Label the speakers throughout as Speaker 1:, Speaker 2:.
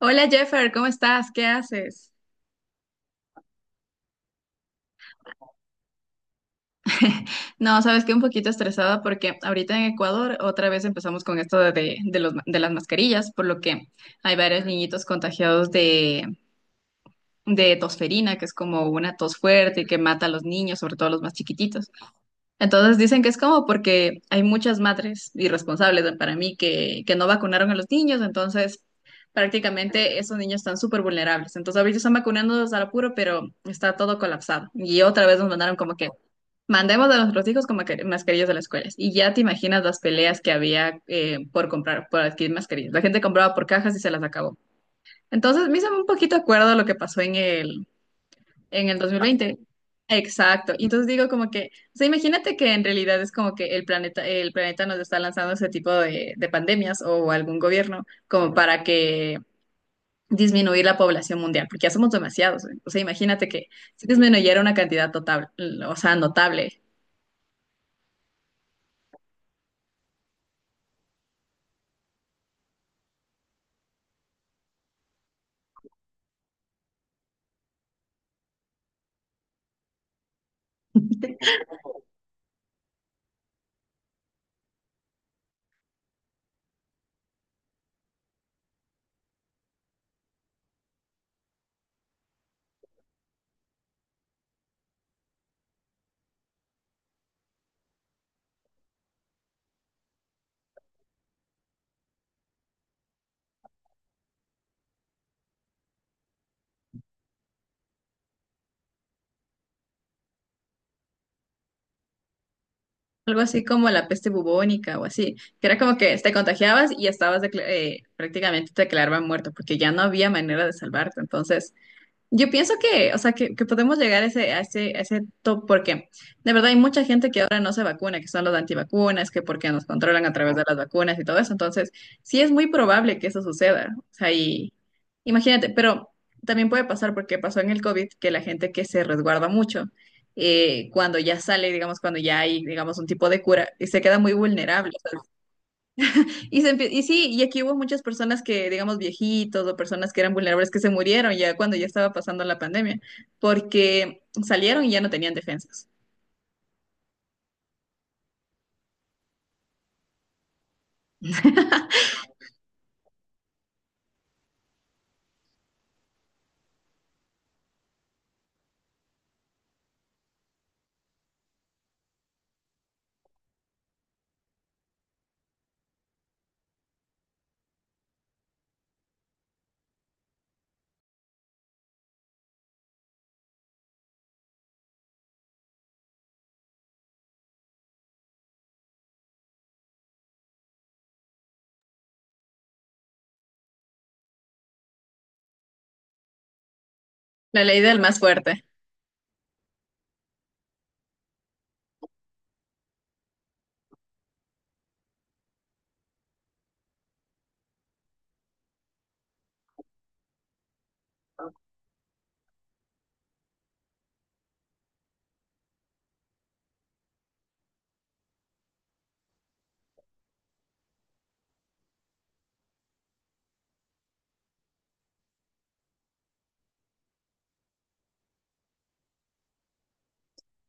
Speaker 1: Hola Jeffer, ¿cómo estás? ¿Qué haces? No, sabes que un poquito estresada porque ahorita en Ecuador otra vez empezamos con esto de las mascarillas, por lo que hay varios niñitos contagiados de tosferina, que es como una tos fuerte y que mata a los niños, sobre todo a los más chiquititos. Entonces dicen que es como porque hay muchas madres irresponsables para mí que no vacunaron a los niños, entonces prácticamente esos niños están súper vulnerables. Entonces ahorita están vacunándolos al apuro, pero está todo colapsado. Y otra vez nos mandaron como que mandemos a nuestros hijos con mascarillas a las escuelas. Y ya te imaginas las peleas que había por comprar, por adquirir mascarillas. La gente compraba por cajas y se las acabó. Entonces, me hizo un poquito acuerdo a lo que pasó en el 2020. Exacto. Y entonces digo como que, o sea, imagínate que en realidad es como que el planeta nos está lanzando ese tipo de pandemias o algún gobierno como para que disminuir la población mundial, porque ya somos demasiados. ¿Eh? O sea, imagínate que si disminuyera una cantidad total, o sea, notable. Algo así como la peste bubónica o así, que era como que te contagiabas y estabas prácticamente te declaraban muerto porque ya no había manera de salvarte. Entonces, yo pienso que, o sea, que podemos llegar a ese, a ese top porque de verdad hay mucha gente que ahora no se vacuna, que son los antivacunas, que porque nos controlan a través de las vacunas y todo eso. Entonces, sí es muy probable que eso suceda. O sea, y imagínate, pero también puede pasar porque pasó en el COVID que la gente que se resguarda mucho, cuando ya sale, digamos, cuando ya hay, digamos, un tipo de cura, y se queda muy vulnerable. Y, sí, y aquí hubo muchas personas que, digamos, viejitos o personas que eran vulnerables que se murieron ya cuando ya estaba pasando la pandemia, porque salieron y ya no tenían defensas. La ley del más fuerte.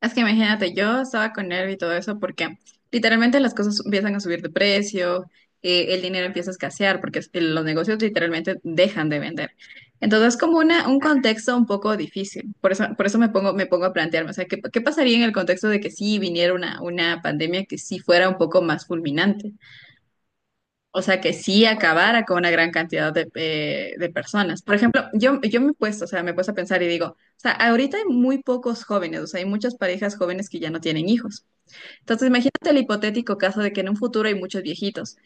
Speaker 1: Es que imagínate, yo estaba con nervio y todo eso porque literalmente las cosas empiezan a subir de precio, el dinero empieza a escasear los negocios literalmente dejan de vender. Entonces es como una, un contexto un poco difícil. Por eso me pongo a plantearme, o sea, ¿qué pasaría en el contexto de que sí viniera una pandemia que sí fuera un poco más fulminante? O sea, que sí acabara con una gran cantidad de personas. Por ejemplo, yo me he puesto, o sea, me he puesto a pensar y digo, o sea, ahorita hay muy pocos jóvenes, o sea, hay muchas parejas jóvenes que ya no tienen hijos. Entonces, imagínate el hipotético caso de que en un futuro hay muchos viejitos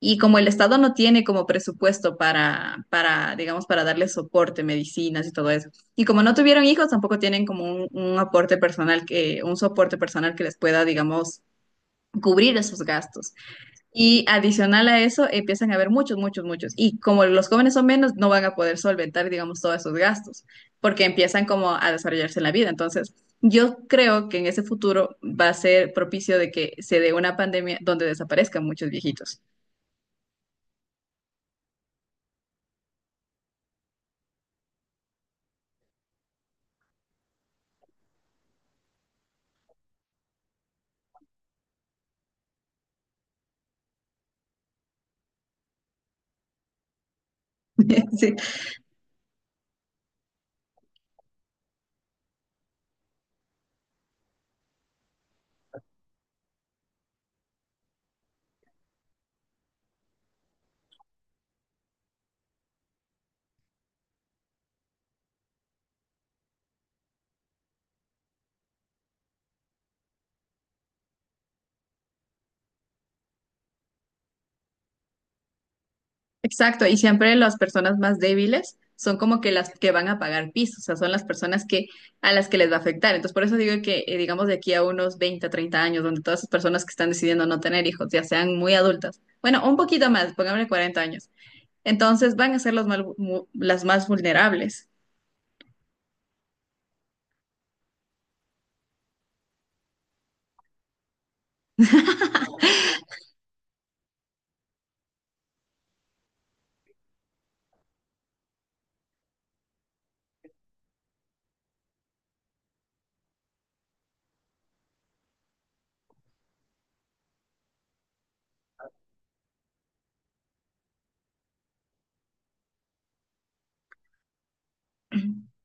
Speaker 1: y como el Estado no tiene como presupuesto digamos, para darle soporte, medicinas y todo eso, y como no tuvieron hijos, tampoco tienen como un aporte personal un soporte personal que les pueda, digamos, cubrir esos gastos. Y adicional a eso, empiezan a haber muchos, muchos, muchos. Y como los jóvenes son menos, no van a poder solventar, digamos, todos esos gastos, porque empiezan como a desarrollarse en la vida. Entonces, yo creo que en ese futuro va a ser propicio de que se dé una pandemia donde desaparezcan muchos viejitos. Sí. Exacto, y siempre las personas más débiles son como que las que van a pagar piso, o sea, son las personas que a las que les va a afectar. Entonces, por eso digo que, digamos, de aquí a unos 20, 30 años, donde todas esas personas que están decidiendo no tener hijos, ya sean muy adultas, bueno, un poquito más, pongámosle 40 años, entonces van a ser las más vulnerables.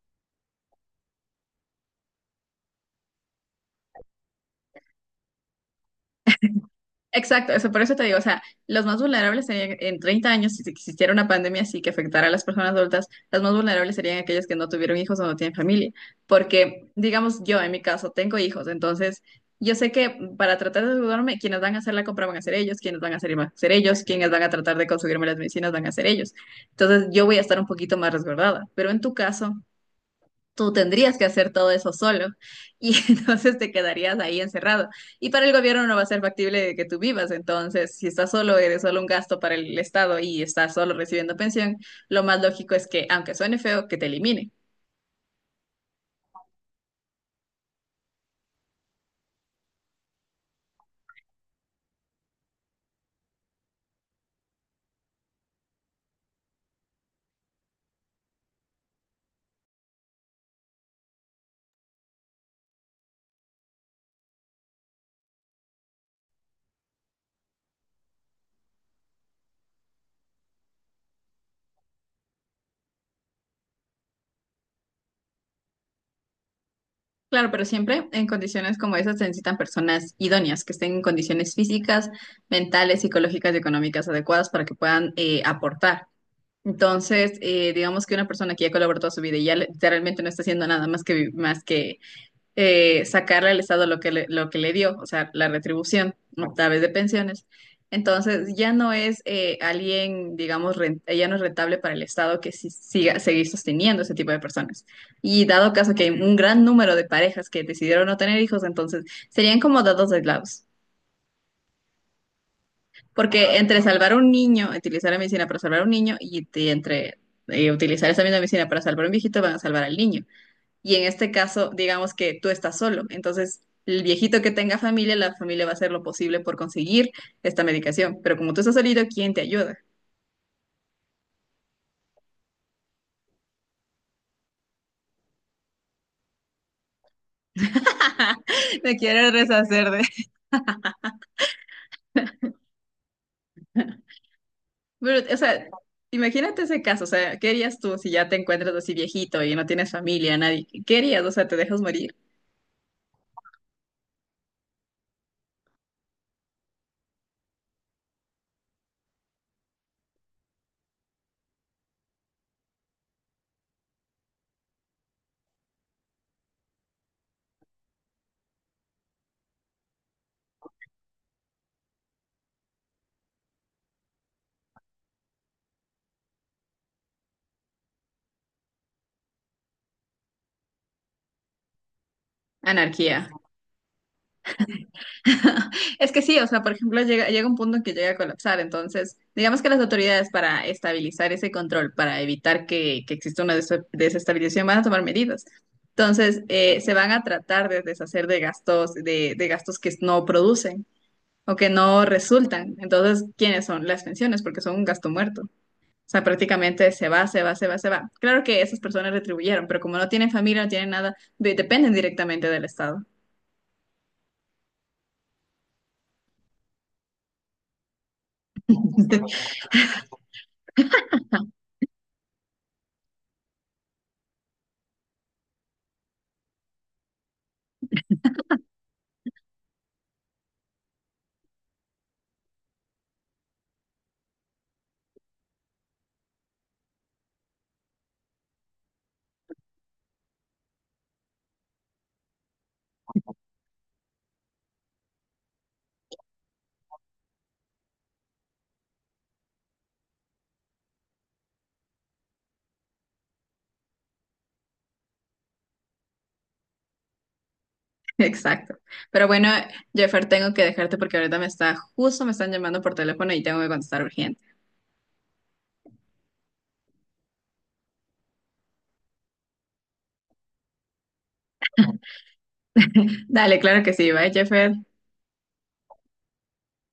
Speaker 1: Exacto, eso, por eso te digo, o sea, los más vulnerables serían en 30 años, si existiera una pandemia así que afectara a las personas adultas, los más vulnerables serían aquellos que no tuvieron hijos o no tienen familia, porque, digamos, yo en mi caso tengo hijos, entonces yo sé que para tratar de ayudarme, quienes van a hacer la compra van a ser ellos, quienes van a hacer van a ser ellos, quienes van a tratar de conseguirme las medicinas van a ser ellos. Entonces yo voy a estar un poquito más resguardada, pero en tu caso, tú tendrías que hacer todo eso solo y entonces te quedarías ahí encerrado. Y para el gobierno no va a ser factible que tú vivas, entonces si estás solo, eres solo un gasto para el Estado y estás solo recibiendo pensión, lo más lógico es que, aunque suene feo, que te elimine. Claro, pero siempre en condiciones como esas se necesitan personas idóneas, que estén en condiciones físicas, mentales, psicológicas y económicas adecuadas para que puedan aportar. Entonces, digamos que una persona que ya colaboró toda su vida y ya literalmente no está haciendo nada más más que sacarle al Estado lo que lo que le dio, o sea, la retribución ¿no? A través de pensiones. Entonces, ya no es alguien, digamos, ya no es rentable para el Estado que siga seguir sosteniendo ese tipo de personas. Y dado caso que hay un gran número de parejas que decidieron no tener hijos, entonces serían como dados aislados. Porque entre salvar a un niño, utilizar la medicina para salvar a un niño y entre utilizar esa misma medicina para salvar a un viejito, van a salvar al niño. Y en este caso, digamos que tú estás solo. Entonces, el viejito que tenga familia, la familia va a hacer lo posible por conseguir esta medicación. Pero como tú estás solito, ¿quién te ayuda? Me quiero deshacer de... Pero, o sea, imagínate ese caso. O sea, ¿qué harías tú si ya te encuentras así viejito y no tienes familia, nadie? ¿Qué harías? O sea, ¿te dejas morir? Anarquía. Es que sí, o sea, por ejemplo, llega un punto en que llega a colapsar, entonces, digamos que las autoridades para estabilizar ese control, para evitar que exista una desestabilización, van a tomar medidas. Entonces, se van a tratar de deshacer de gastos, de gastos que no producen o que no resultan. Entonces, ¿quiénes son? Las pensiones, porque son un gasto muerto. O sea, prácticamente se va, se va, se va, se va. Claro que esas personas retribuyeron, pero como no tienen familia, no tienen nada, dependen directamente del Estado. Exacto. Pero bueno, Jeffer, tengo que dejarte porque ahorita me está, justo me están llamando por teléfono y tengo que contestar urgente. Dale, claro que sí. Bye, Jeffer.